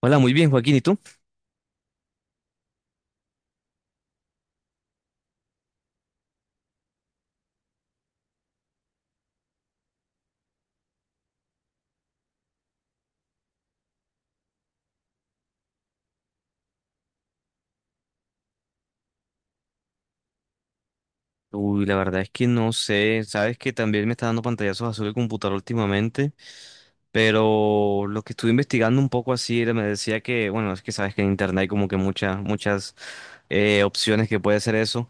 Hola, muy bien, Joaquín, ¿y tú? Uy, la verdad es que no sé, sabes que también me está dando pantallazos azul el computador últimamente, pero lo que estuve investigando un poco así me decía que, bueno, es que sabes que en internet hay como que muchas, muchas opciones que puede ser eso,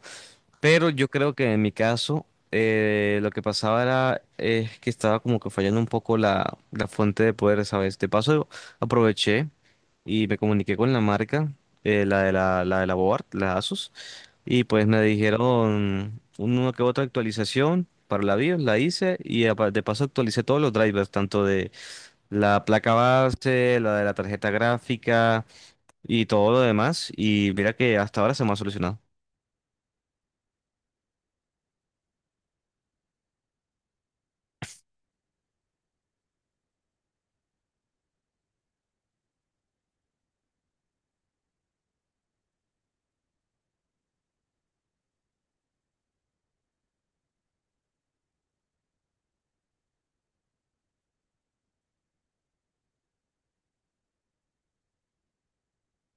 pero yo creo que en mi caso lo que pasaba era que estaba como que fallando un poco la fuente de poder, ¿sabes? De paso aproveché y me comuniqué con la marca, la de la Board, la Asus. Y pues me dijeron una que otra actualización para la BIOS, la hice y de paso actualicé todos los drivers, tanto de la placa base, la de la tarjeta gráfica y todo lo demás. Y mira que hasta ahora se me ha solucionado.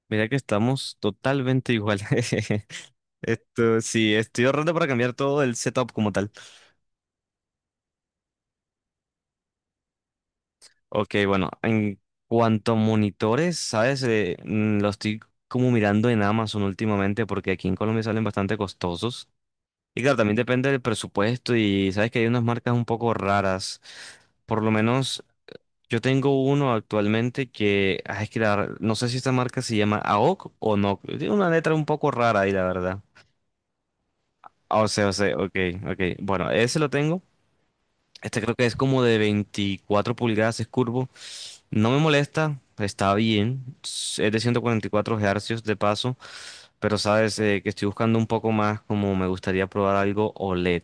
Mira que estamos totalmente igual. Esto sí, estoy ahorrando para cambiar todo el setup como tal. Ok, bueno, en cuanto a monitores, ¿sabes? Lo estoy como mirando en Amazon últimamente porque aquí en Colombia salen bastante costosos. Y claro, también depende del presupuesto y sabes que hay unas marcas un poco raras. Por lo menos yo tengo uno actualmente que, es que la no sé si esta marca se llama AOC o C o no. Tiene una letra un poco rara ahí, la verdad. Ah, ok, ok. Bueno, ese lo tengo. Este creo que es como de 24 pulgadas, es curvo. No me molesta, está bien. Es de 144 Hz de paso, pero sabes que estoy buscando un poco más, como me gustaría probar algo OLED.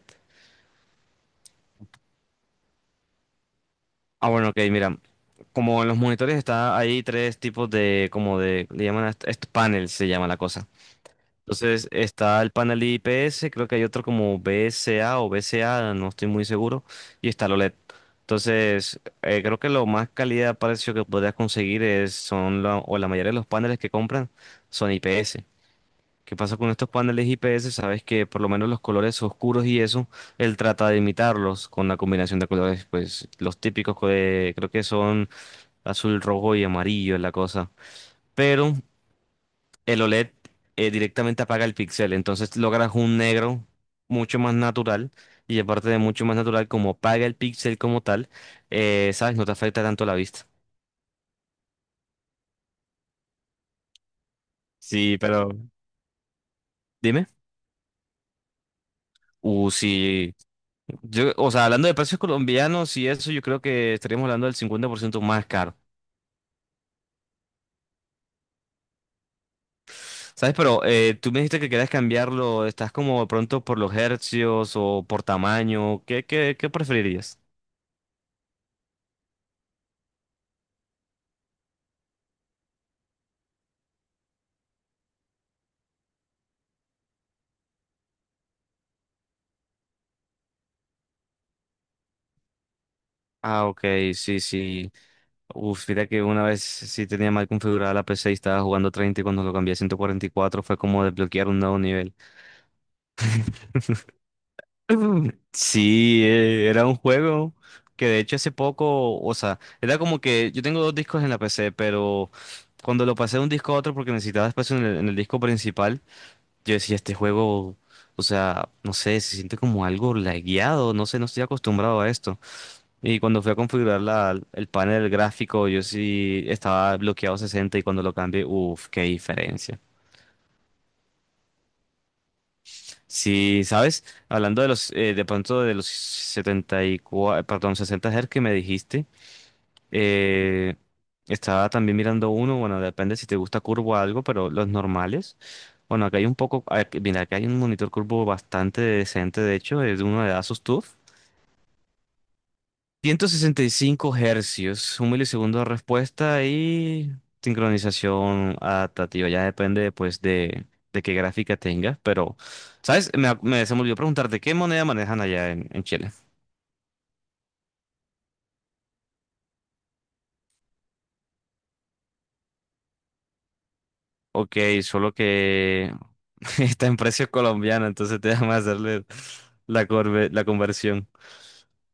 Ah, bueno, ok, mira. Como en los monitores está, hay tres tipos de, como de, le llaman, a panel se llama la cosa. Entonces está el panel IPS, creo que hay otro como BSA o BCA, no estoy muy seguro, y está el OLED. Entonces, creo que lo más calidad precio que podrías conseguir son o la mayoría de los paneles que compran son IPS. ¿Qué pasa con estos paneles IPS? Sabes que por lo menos los colores oscuros y eso, él trata de imitarlos con la combinación de colores, pues los típicos creo que son azul, rojo y amarillo es la cosa. Pero el OLED directamente apaga el píxel, entonces logras un negro mucho más natural y aparte de mucho más natural, como apaga el píxel como tal, sabes, no te afecta tanto la vista. Sí, pero dime. Sí. Yo, o sea, hablando de precios colombianos y eso, yo creo que estaríamos hablando del 50% más caro. ¿Sabes? Pero tú me dijiste que querías cambiarlo. ¿Estás como de pronto por los hercios o por tamaño? ¿Qué preferirías? Ah, ok, sí, sí. Uf, mira que una vez sí tenía mal configurada la PC y estaba jugando 30 y cuando lo cambié a 144 fue como desbloquear un nuevo nivel. Sí, era un juego que de hecho hace poco, o sea, era como que yo tengo dos discos en la PC, pero cuando lo pasé de un disco a otro porque necesitaba espacio en el disco principal, yo decía, este juego, o sea, no sé, se siente como algo lagueado, no sé, no estoy acostumbrado a esto. Y cuando fui a configurar el panel gráfico, yo sí estaba bloqueado 60 y cuando lo cambié, uff, qué diferencia. Sí, ¿sabes? Hablando de los, de pronto de los 74, perdón, 60 Hz que me dijiste, eh, estaba también mirando uno, bueno, depende si te gusta curvo o algo, pero los normales, bueno, acá hay un poco, mira, acá hay un monitor curvo bastante decente, de hecho, es de uno de Asus TUF, 165 Hz, 1 ms de respuesta y sincronización adaptativa. Ya depende, pues, de qué gráfica tengas. Pero, ¿sabes? Se me olvidó preguntarte, ¿qué moneda manejan allá en Chile? Ok, solo que está en precio colombiano, entonces te déjame hacerle la conversión.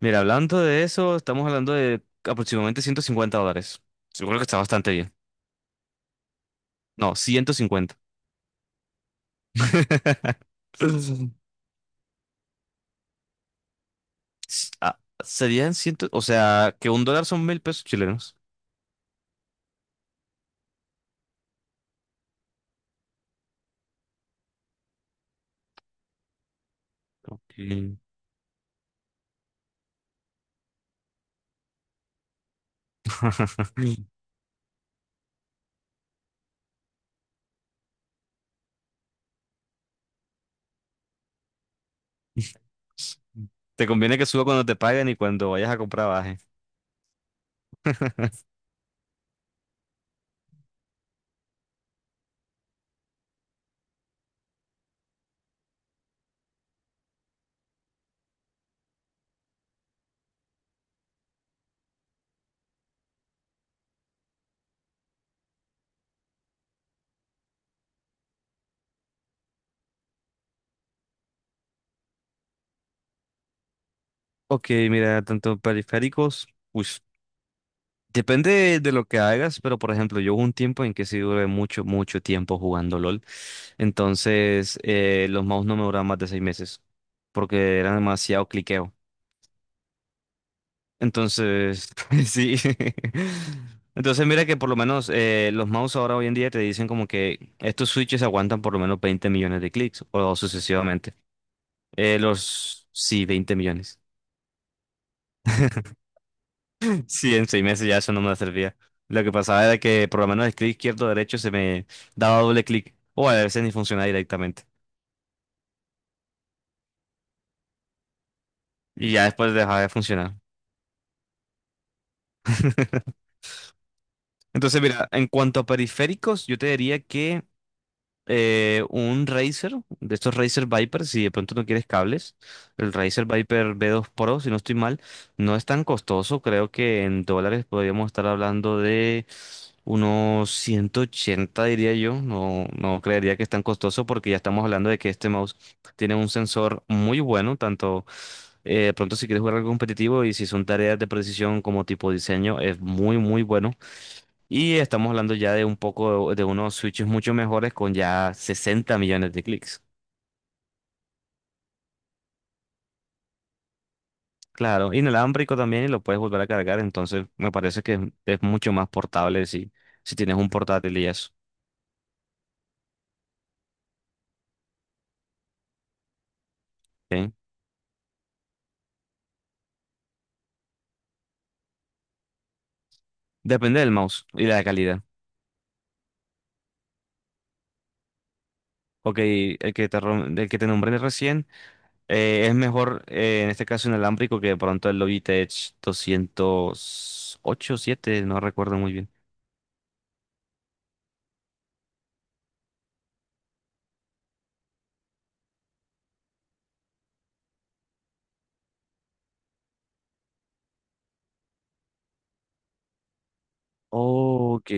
Mira, hablando de eso, estamos hablando de aproximadamente $150. Yo creo que está bastante bien. No, 150. S- ah, Serían o sea, que $1 son 1.000 pesos chilenos. Ok. Te conviene que suba cuando te paguen y cuando vayas a comprar baje. Ok, mira, tanto periféricos, pues depende de lo que hagas, pero por ejemplo, yo hubo un tiempo en que sí duré mucho, mucho tiempo jugando LOL. Entonces, los mouse no me duraban más de 6 meses porque era demasiado cliqueo. Entonces, sí. Entonces, mira que por lo menos los mouse ahora hoy en día te dicen como que estos switches aguantan por lo menos 20 millones de clics o sucesivamente. Sí, 20 millones. Sí, en 6 meses ya eso no me servía. Lo que pasaba era que por lo menos el clic izquierdo o derecho se me daba doble clic o a veces ni funcionaba directamente. Y ya después dejaba de funcionar. Entonces, mira, en cuanto a periféricos, yo te diría que un Razer, de estos Razer Viper, si de pronto no quieres cables, el Razer Viper V2 Pro, si no estoy mal, no es tan costoso, creo que en dólares podríamos estar hablando de unos 180, diría yo, no, no creería que es tan costoso porque ya estamos hablando de que este mouse tiene un sensor muy bueno, tanto... de pronto si quieres jugar algo competitivo y si son tareas de precisión como tipo diseño, es muy muy bueno. Y estamos hablando ya de un poco de unos switches mucho mejores con ya 60 millones de clics. Claro, inalámbrico también y lo puedes volver a cargar, entonces me parece que es mucho más portable si tienes un portátil y eso. ¿Ok? Depende del mouse y la calidad. Ok, el que te nombré recién es mejor en este caso inalámbrico que de pronto el Logitech 208 siete, no recuerdo muy bien. Ok.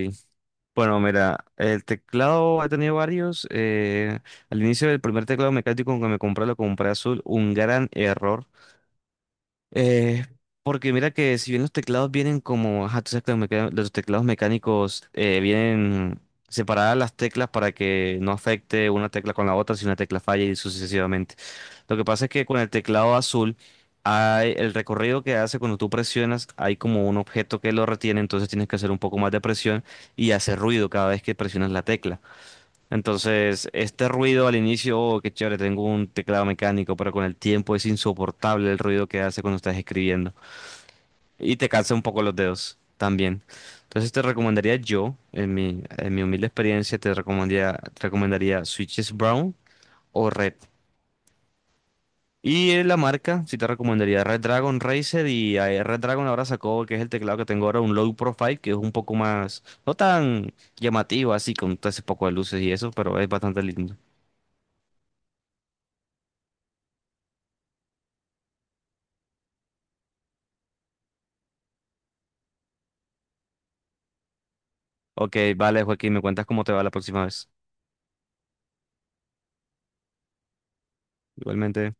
Bueno, mira, el teclado he tenido varios. Al inicio del primer teclado mecánico que me compré, lo compré azul. Un gran error. Eh, Porque mira que si bien los teclados vienen como, ajá, tú sabes que los teclados mecánicos vienen separadas las teclas para que no afecte una tecla con la otra si una tecla falla y sucesivamente. Lo que pasa es que con el teclado azul, hay, el recorrido que hace cuando tú presionas, hay como un objeto que lo retiene, entonces tienes que hacer un poco más de presión y hace ruido cada vez que presionas la tecla. Entonces, este ruido al inicio, oh, qué chévere, tengo un teclado mecánico, pero con el tiempo es insoportable el ruido que hace cuando estás escribiendo. Y te cansa un poco los dedos también. Entonces, te recomendaría yo, en mi humilde experiencia, te recomendaría Switches Brown o Red. Y la marca, sí te recomendaría Red Dragon Razer y Red Dragon ahora sacó, que es el teclado que tengo ahora, un low profile, que es un poco más, no tan llamativo así, con todo ese poco de luces y eso, pero es bastante lindo. Ok, vale, Joaquín, me cuentas cómo te va la próxima vez. Igualmente.